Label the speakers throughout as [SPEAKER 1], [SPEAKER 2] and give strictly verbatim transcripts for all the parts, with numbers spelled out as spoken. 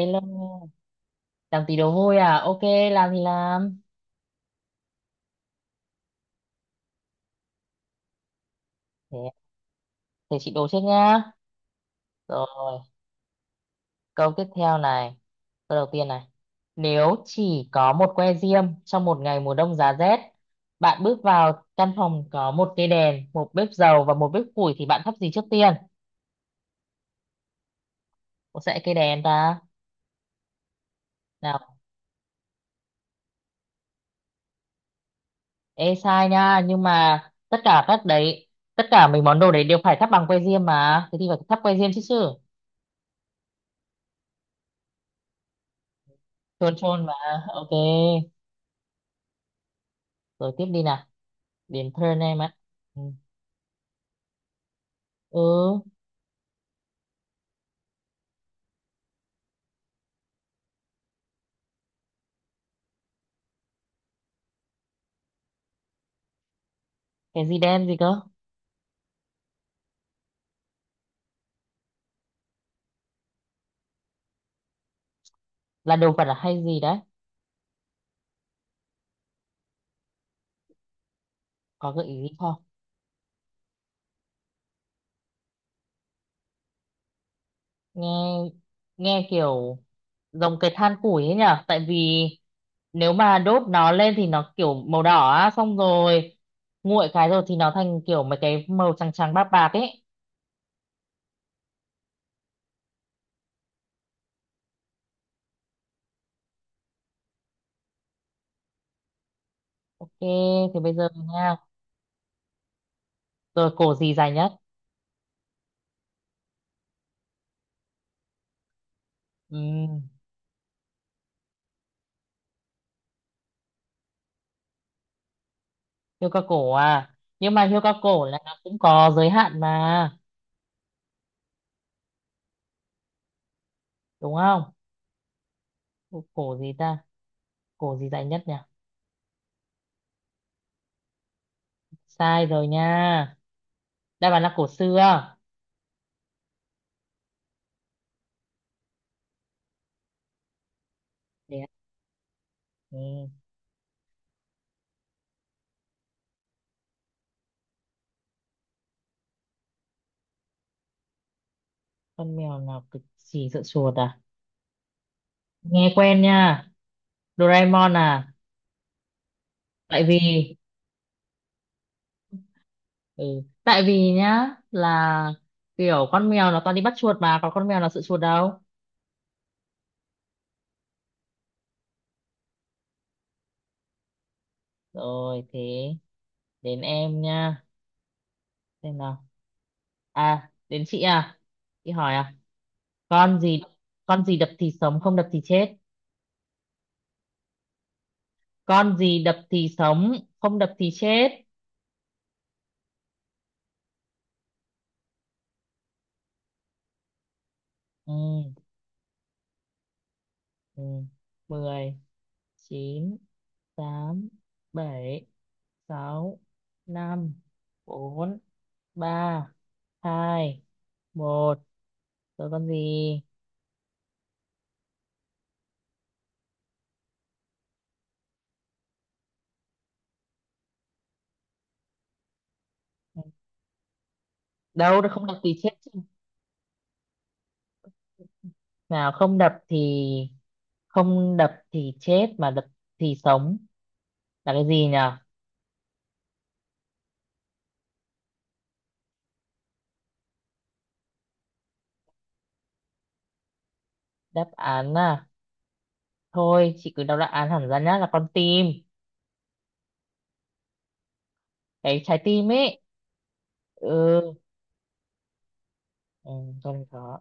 [SPEAKER 1] Elo, làm tí đồ vui à? Ok, làm thì làm. Thế, thế chị đố trước nhá. Rồi, câu tiếp theo này. Câu đầu tiên này. Nếu chỉ có một que diêm trong một ngày mùa đông giá rét, bạn bước vào căn phòng có một cây đèn, một bếp dầu và một bếp củi thì bạn thắp gì trước tiên? Có sẽ cây đèn ta? Nào, ê sai nha, nhưng mà tất cả các đấy, tất cả mấy món đồ đấy đều phải thắp bằng que diêm mà. Thế thì phải thắp que diêm chứ chứ. Chôn chôn mà. Ok, rồi tiếp đi nào. Đến Pearl em ạ. Ừ. Ừ, cái gì đen gì cơ? Là đồ vật à hay gì đấy? Có gợi ý gì không? Nghe nghe kiểu giống cái than củi ấy nhở? Tại vì nếu mà đốt nó lên thì nó kiểu màu đỏ á, xong rồi nguội cái rồi thì nó thành kiểu mấy cái màu trắng trắng bạc bạc ấy. Ok, thì bây giờ nha. Rồi cổ gì dài nhất? Ừ, hươu cao cổ à. Nhưng mà hươu cao cổ là nó cũng có giới hạn mà, đúng không? Cổ gì ta? Cổ gì dài nhất nhỉ? Sai rồi nha, đáp án là cổ xưa. Thế ạ. Ừ. Con mèo nào cực kỳ sợ chuột à? Nghe quen nha. Doraemon à? Tại vì ừ. tại vì nhá, là kiểu con mèo nó toàn đi bắt chuột mà còn con mèo nào sợ chuột đâu. Rồi thế đến em nha. Xem nào. À, đến chị à? Chị hỏi à? Con gì, con gì đập thì sống không đập thì chết? Con gì đập thì sống không đập thì chết. Ừ. Ừ, mười, chín, tám, bảy, sáu, năm, bốn, ba, hai, một. Rồi, con gì? Đâu, nó không đập thì chết chứ. Nào, không đập thì không đập thì chết mà đập thì sống là cái gì nhở? Đáp án à? Thôi chị cứ đọc đáp án hẳn ra nhá, là con tim, cái trái tim ấy. Ừ, ừ, con có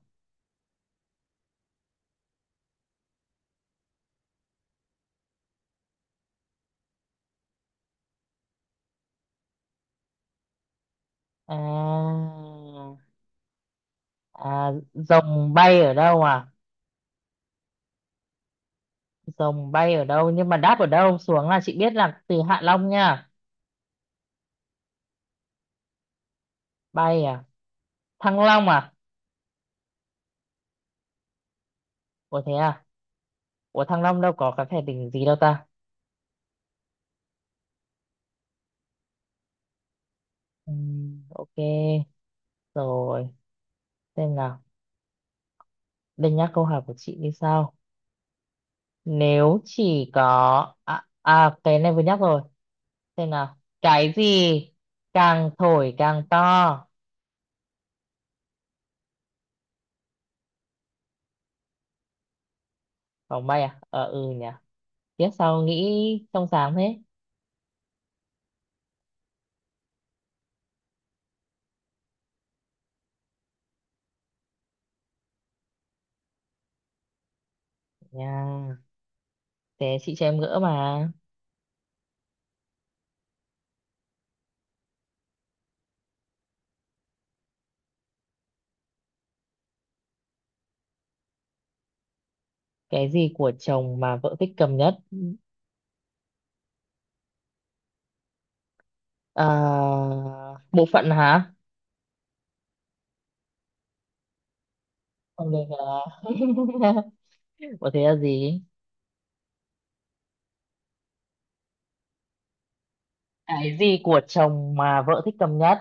[SPEAKER 1] à. À, rồng bay ở đâu à? Rồng bay ở đâu? Nhưng mà đáp ở đâu xuống là chị biết là từ Hạ Long nha. Bay à? Thăng Long à? Ủa thế à? Ủa Thăng Long đâu có cái thể đỉnh gì đâu ta? Ừm, ok. Rồi. Xem nào. Đây nhắc câu hỏi của chị như sau. Nếu chỉ có... À, à cái này vừa nhắc rồi. Xem nào. Cái gì càng thổi càng to? Vòng bay à? Ờ ừ nhỉ. Tiếp sau nghĩ trong sáng thế. Nha. Thế chị cho em gỡ mà. Cái gì của chồng mà vợ thích cầm nhất? À, bộ phận hả? Không được à? Có thế là gì? Cái gì của chồng mà vợ thích cầm nhất?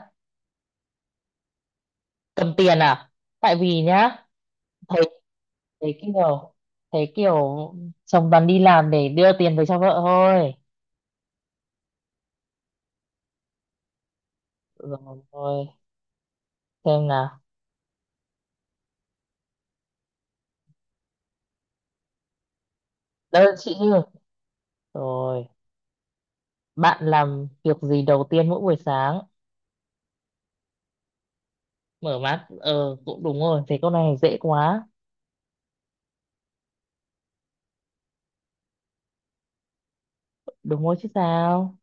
[SPEAKER 1] Cầm tiền à? Tại vì nhá, thấy thấy kiểu thấy kiểu chồng toàn đi làm để đưa tiền về cho vợ thôi. Rồi, xem nào. Đơn chị chứ. Rồi, bạn làm việc gì đầu tiên mỗi buổi sáng? Mở mắt, ờ cũng đúng rồi, thế câu này dễ quá. Đúng rồi chứ sao?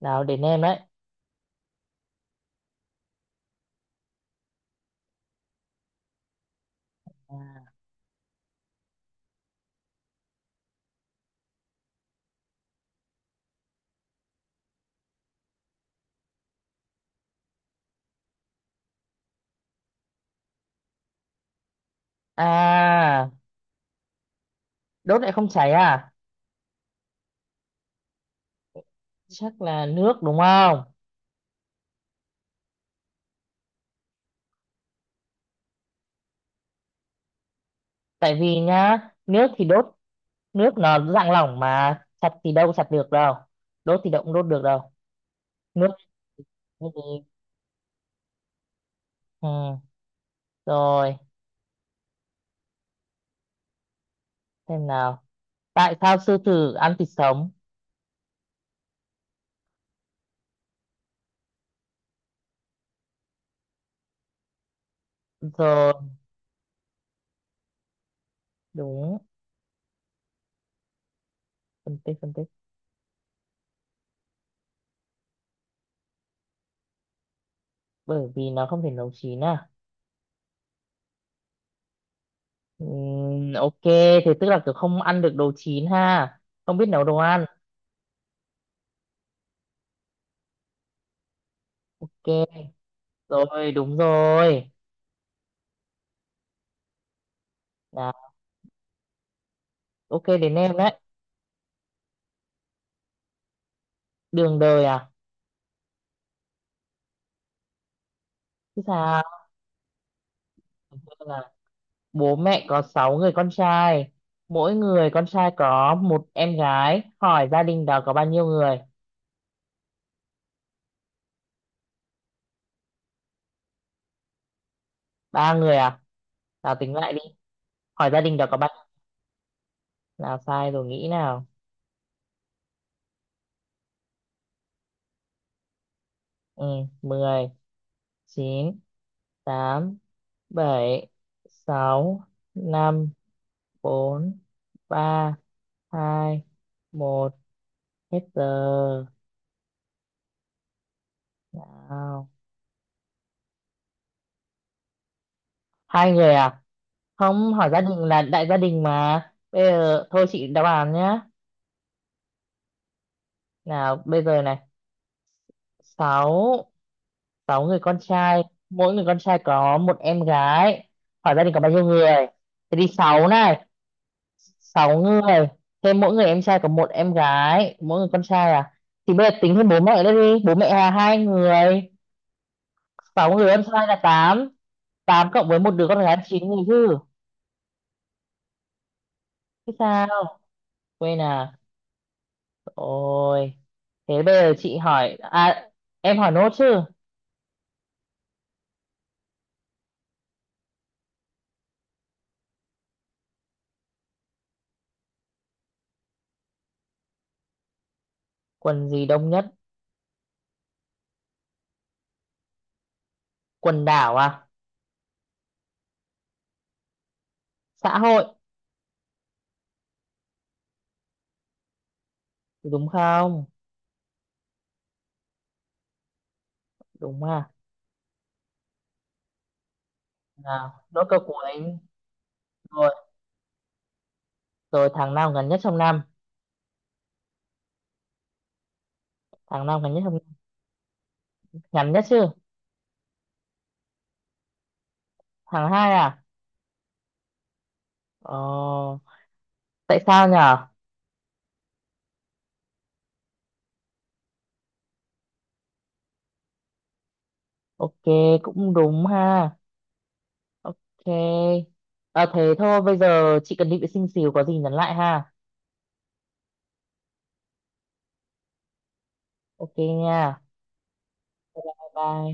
[SPEAKER 1] Nào đến em đấy. À, đốt lại không cháy à? Chắc là nước đúng không? Tại vì nhá, nước thì đốt, nước nó dạng lỏng mà chặt thì đâu chặt được đâu. Đốt thì đâu cũng đốt được đâu. Nước, thế thì ừ. Rồi, xem nào. Tại sao sư tử ăn thịt sống? Rồi, đúng. Phân tích, phân tích. Bởi vì nó không thể nấu chín à? Ừm, ok, thế tức là kiểu không ăn được đồ chín ha. Không biết nấu đồ ăn. Ok, rồi đúng rồi, là ok đến em đấy. Đường đời à? Chứ sao. Vâng, là bố mẹ có sáu người con trai, mỗi người con trai có một em gái, hỏi gia đình đó có bao nhiêu người? Ba người à? Nào tính lại đi. Hỏi gia đình đó có bao nhiêu? Nào, sai rồi, nghĩ nào. Ừ, mười, chín, tám, bảy, sáu, năm, bốn, ba, hai, một. Hết giờ. Nào. Hai người à? Không, hỏi gia đình là đại gia đình mà. Bây giờ thôi chị đáp án nhá. Nào bây giờ này, sáu sáu người con trai, mỗi người con trai có một em gái, hỏi gia đình có bao nhiêu người? Thế thì sáu này, sáu người, thêm mỗi người em trai có một em gái, mỗi người con trai à, thì bây giờ tính thêm bố mẹ nữa đi, bố mẹ là hai người, sáu người em trai là tám, tám cộng với một đứa con gái là chín người chứ. Thế sao, quên à? Ôi, thế bây giờ chị hỏi, à, em hỏi nốt chứ. Quần gì đông nhất? Quần đảo à? Xã hội, đúng không? Đúng à? Nào, nốt câu cuối. Rồi, rồi tháng nào ngắn nhất trong năm? Tháng nào ngắn nhất trong năm? Ngắn nhất chứ? Tháng hai à? Ờ, tại sao nhở? Ok, cũng đúng ha. Ok. À, thế thôi, bây giờ chị cần đi vệ sinh xíu, có gì nhắn lại ha. Ok nha. Bye bye.